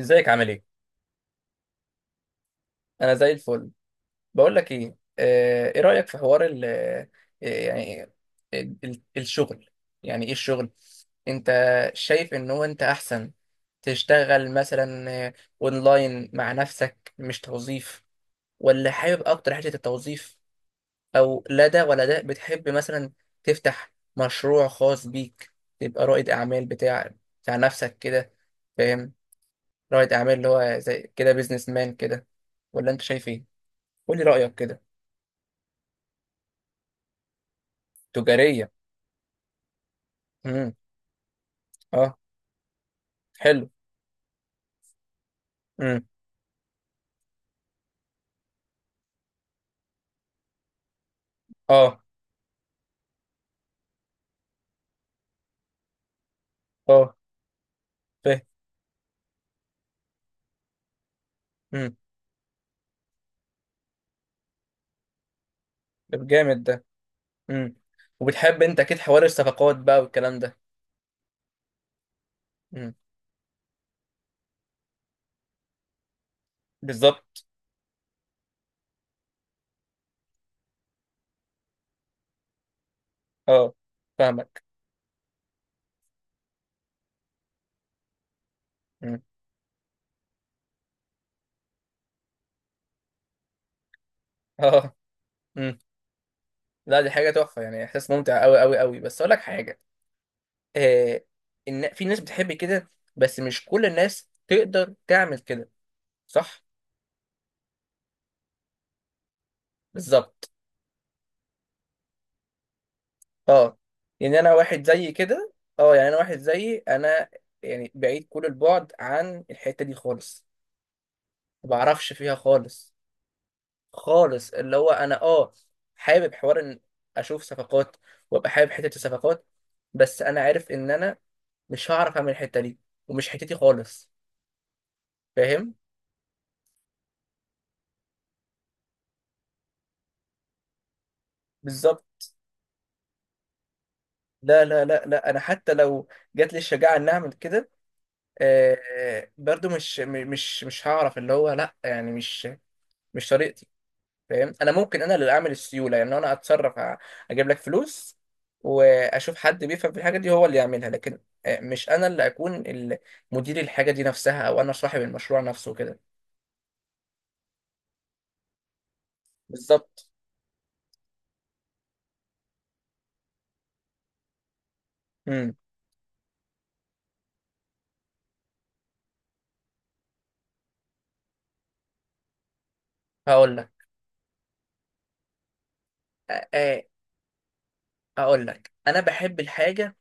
ازيك عامل ايه؟ انا زي الفل. بقول لك ايه، ايه رأيك في حوار ال آه، يعني ال- ال- الشغل. يعني ايه الشغل انت؟ شايف ان هو انت احسن تشتغل مثلا اونلاين مع نفسك، مش توظيف؟ ولا حابب اكتر حتة التوظيف؟ او لا، ده ولا ده؟ بتحب مثلا تفتح مشروع خاص بيك، تبقى رائد اعمال بتاع نفسك كده؟ فاهم؟ رائد اعمال، اللي هو زي كده بيزنس مان كده. ولا انت شايف ايه؟ قولي رأيك كده. تجارية. امم. اه. حلو. امم. اه، اه. فاهم. امم. طب جامد ده. امم. وبتحب انت اكيد حوار الصفقات بقى والكلام ده. امم. بالظبط. اه. فاهمك. امم. اه. امم. لا، دي حاجة تحفة، يعني احساس ممتع قوي قوي قوي. بس اقول لك حاجة. آه. إن في ناس بتحب كده، بس مش كل الناس تقدر تعمل كده، صح؟ بالظبط. اه، يعني انا واحد زي كده. اه، يعني انا واحد زي انا، يعني بعيد كل البعد عن الحته دي خالص. ما بعرفش فيها خالص، خالص. اللي هو انا، اه، حابب حوار ان اشوف صفقات وابقى حابب حته الصفقات، بس انا عارف ان انا مش هعرف اعمل الحته دي، ومش حتتي خالص، فاهم؟ بالظبط. لا لا لا لا، انا حتى لو جات لي الشجاعه ان اعمل كده، برضو مش م- مش مش هعرف، اللي هو لا، يعني مش، مش طريقتي، فاهم؟ انا ممكن انا اللي اعمل السيوله، يعني انا اتصرف، اجيب لك فلوس واشوف حد بيفهم في الحاجه دي هو اللي يعملها، لكن مش انا اللي اكون مدير الحاجه دي نفسها، او انا صاحب المشروع نفسه كده. بالظبط. امم. هقول لك. آه، آه، هقول لك، انا بحب الحاجه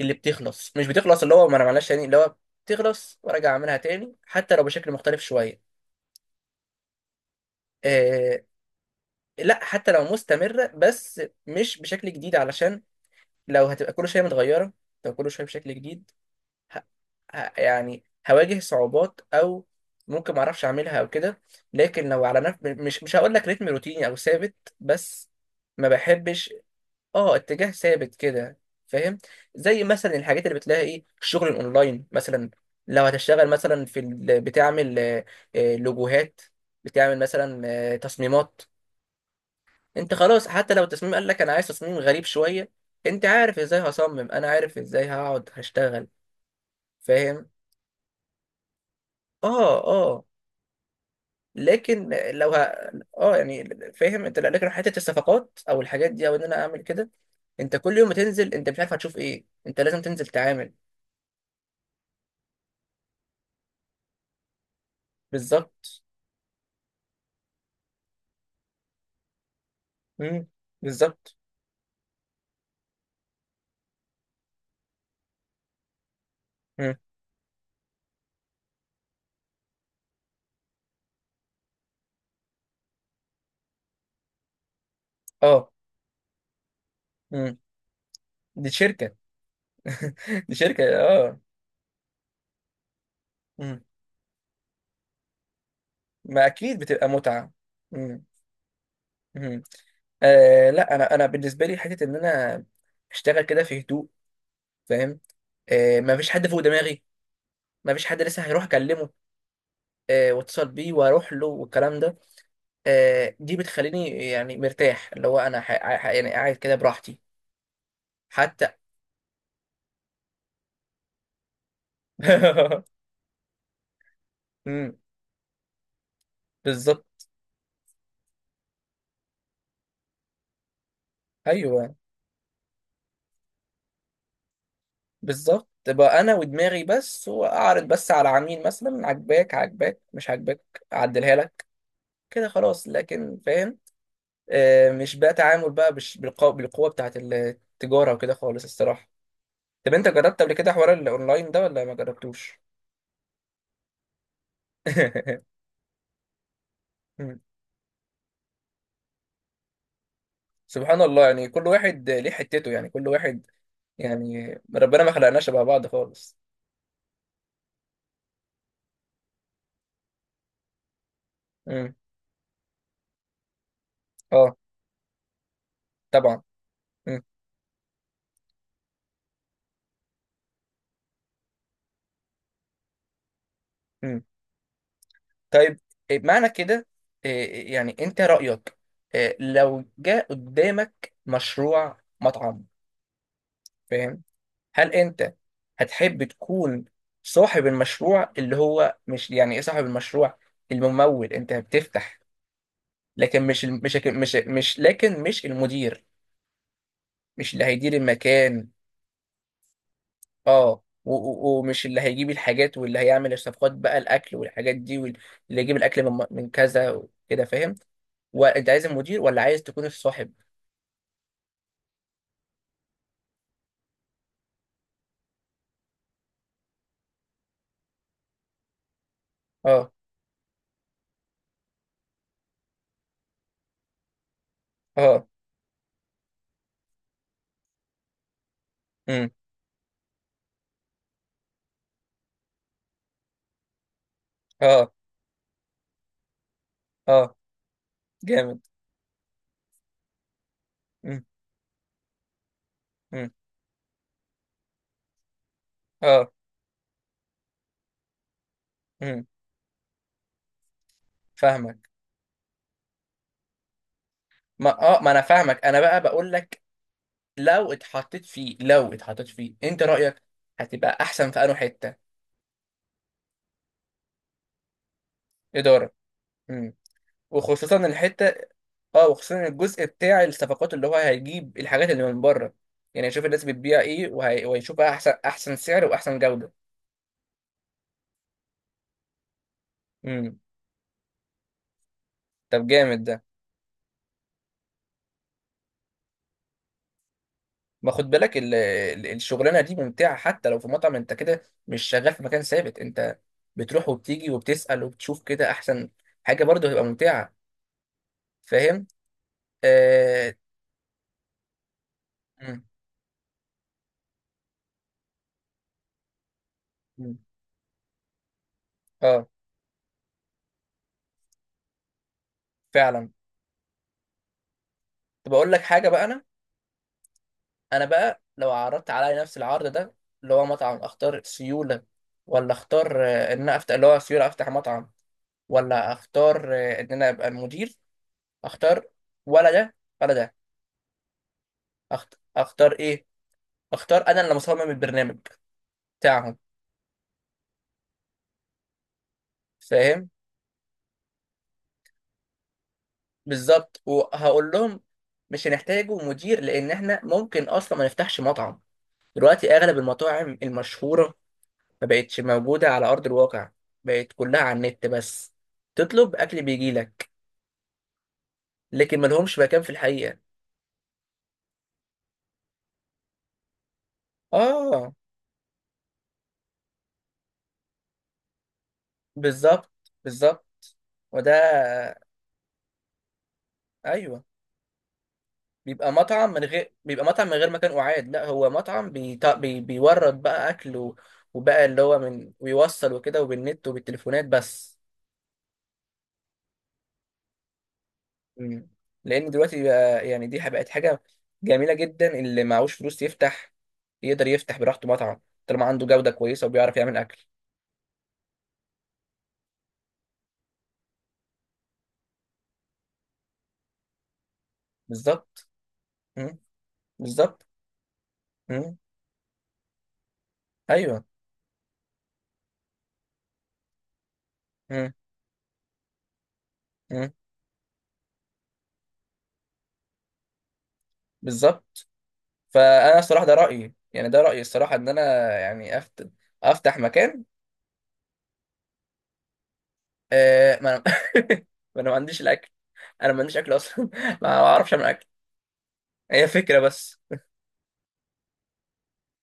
اللي بتخلص، مش بتخلص، اللي هو ما انا، معلش، تاني، اللي هو بتخلص وارجع اعملها تاني حتى لو بشكل مختلف شويه. آه. لا، حتى لو مستمره، بس مش بشكل جديد، علشان لو هتبقى كل شويه متغيره، لو كل شويه بشكل جديد، ه... يعني هواجه صعوبات، او ممكن ما اعرفش اعملها او كده. لكن لو على نفس، مش، مش هقول لك رتم روتيني او ثابت، بس ما بحبش. اه، اتجاه ثابت كده، فاهم؟ زي مثلا الحاجات اللي بتلاقي ايه، الشغل الاونلاين مثلا. لو هتشتغل مثلا في بتعمل لوجوهات، بتعمل مثلا تصميمات، انت خلاص. حتى لو التصميم قال لك انا عايز تصميم غريب شوية، انت عارف ازاي هصمم، انا عارف ازاي هقعد هشتغل، فاهم؟ اه، اه. لكن لو اه، يعني فاهم انت، لكن حته الصفقات او الحاجات دي، او ان انا اعمل كده، انت كل يوم تنزل، انت مش عارف هتشوف ايه، انت لازم تنزل تعامل. بالظبط. امم. بالظبط. امم. اه. امم. دي شركه. دي شركه، اه. امم. ما اكيد بتبقى متعه. امم. امم. آه، لا، انا بالنسبه لي حته ان انا اشتغل كده في هدوء، فاهم؟ آه، ما فيش حد فوق دماغي، ما فيش حد لسه هيروح اكلمه واتصل بيه واروح له والكلام ده. دي بتخليني يعني مرتاح، اللي هو انا، يعني قاعد كده براحتي، حتى. مم، بالظبط. ايوه، بالظبط. تبقى انا ودماغي بس، واعرض بس على عميل مثلا، عجباك عجباك، مش عجباك اعدلها لك كده خلاص. لكن، فاهم؟ مش بقى تعامل بقى بالقوة بتاعت التجارة وكده، خالص الصراحة. طب انت جربت قبل كده حوار الاونلاين ده ولا ما جربتوش؟ مم. سبحان الله، يعني كل واحد ليه حتته، يعني كل واحد، يعني ربنا ما خلقناش شبه بعض خالص. امم. اه. طبعا. امم. امم. طيب. إيه معنى كده؟ إيه يعني انت رأيك إيه لو جاء قدامك مشروع مطعم، فاهم؟ هل انت هتحب تكون صاحب المشروع، اللي هو مش يعني ايه صاحب المشروع، الممول؟ انت بتفتح، لكن مش المدير مش اللي هيدير المكان. اه، ومش اللي هيجيب الحاجات، واللي هيعمل الصفقات بقى، الاكل والحاجات دي، واللي يجيب الاكل من كذا وكده، فاهم؟ وانت عايز المدير ولا عايز تكون الصاحب؟ اه، اه. امم. اه، اه. جامد. امم. امم. اه. امم. فاهمك. ما انا فاهمك، انا بقى بقول لك، لو اتحطيت فيه، انت رايك هتبقى احسن في انه حته اداره. امم. وخصوصا الحته، اه، وخصوصا الجزء بتاع الصفقات، اللي هو هيجيب الحاجات اللي من بره، يعني هيشوف الناس بتبيع ايه وهيشوفها احسن احسن سعر واحسن جودة. امم. طب جامد ده. ما خد بالك الشغلانة دي ممتعة؟ حتى لو في مطعم، انت كده مش شغال في مكان ثابت. انت بتروح وبتيجي وبتسأل وبتشوف كده احسن. حاجة برضه هتبقى ممتعة، فاهم؟ آه... مم. مم. اه، فعلا. طب اقول لك حاجة بقى. انا بقى لو عرضت عليا نفس العرض ده، اللي هو مطعم، اختار سيوله ولا اختار ان انا افتح، اللي هو سيوله افتح مطعم، ولا اختار ان انا ابقى المدير؟ اختار، ولا ده ولا ده؟ اختار ايه؟ اختار انا اللي مصمم البرنامج بتاعهم، فاهم؟ بالظبط. وهقول لهم مش هنحتاجوا مدير، لان احنا ممكن اصلا ما نفتحش مطعم. دلوقتي اغلب المطاعم المشهوره ما بقتش موجوده على ارض الواقع، بقت كلها على النت بس، تطلب اكل بيجيلك، لكن ما لهمش مكان في الحقيقة. اه، بالظبط، بالظبط. وده، ايوه. بيبقى مطعم من غير مكان قعاد، لا هو مطعم بيورد بقى اكل، وبقى اللي هو من، ويوصل وكده، وبالنت وبالتليفونات بس. مم. لان دلوقتي بقى يعني دي بقت حاجة جميلة جدا، اللي معهوش فلوس يفتح يقدر يفتح براحته مطعم، طالما عنده جودة كويسة وبيعرف يعمل اكل. بالظبط. مم. بالظبط. مم. ايوه. مم. مم. بالظبط. فانا الصراحه ده رايي، يعني ده رايي الصراحه، ان انا يعني افتح مكان. آه، ما انا، ما انا ما عنديش الاكل، انا ما عنديش اكل اصلا. ما اعرفش اعمل اكل. هي فكره بس.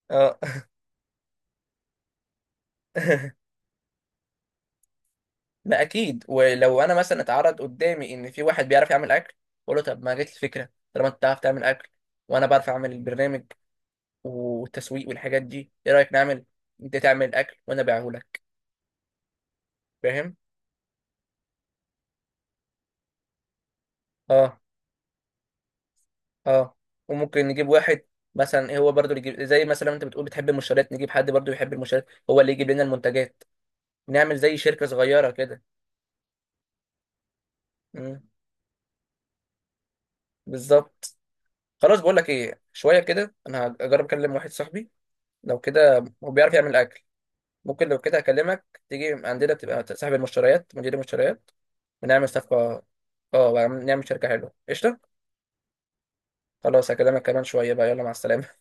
اه. لا اكيد، ولو انا مثلا اتعرض قدامي ان في واحد بيعرف يعمل اكل، اقول له طب ما جت الفكره، طالما انت بتعرف تعمل اكل وانا بعرف اعمل البرنامج والتسويق والحاجات دي، ايه رايك نعمل، انت تعمل اكل وانا ابيعه لك، فاهم؟ اه، اه. وممكن نجيب واحد مثلا، إيه هو برضو اللي يجيب، زي مثلا انت بتقول بتحب المنشورات، نجيب حد برضو يحب المنشورات هو اللي يجيب لنا المنتجات، نعمل زي شركة صغيرة كده. مم، بالظبط. خلاص، بقول لك ايه، شوية كده انا هجرب اكلم واحد صاحبي، لو كده هو بيعرف يعمل اكل، ممكن لو كده اكلمك تيجي عندنا، تبقى صاحب المشتريات، مدير المشتريات، ونعمل صفقة. اه، ونعمل شركة حلوة، قشطة. خلاص، هكلمك كمان شوية بقى. يلا، مع السلامة.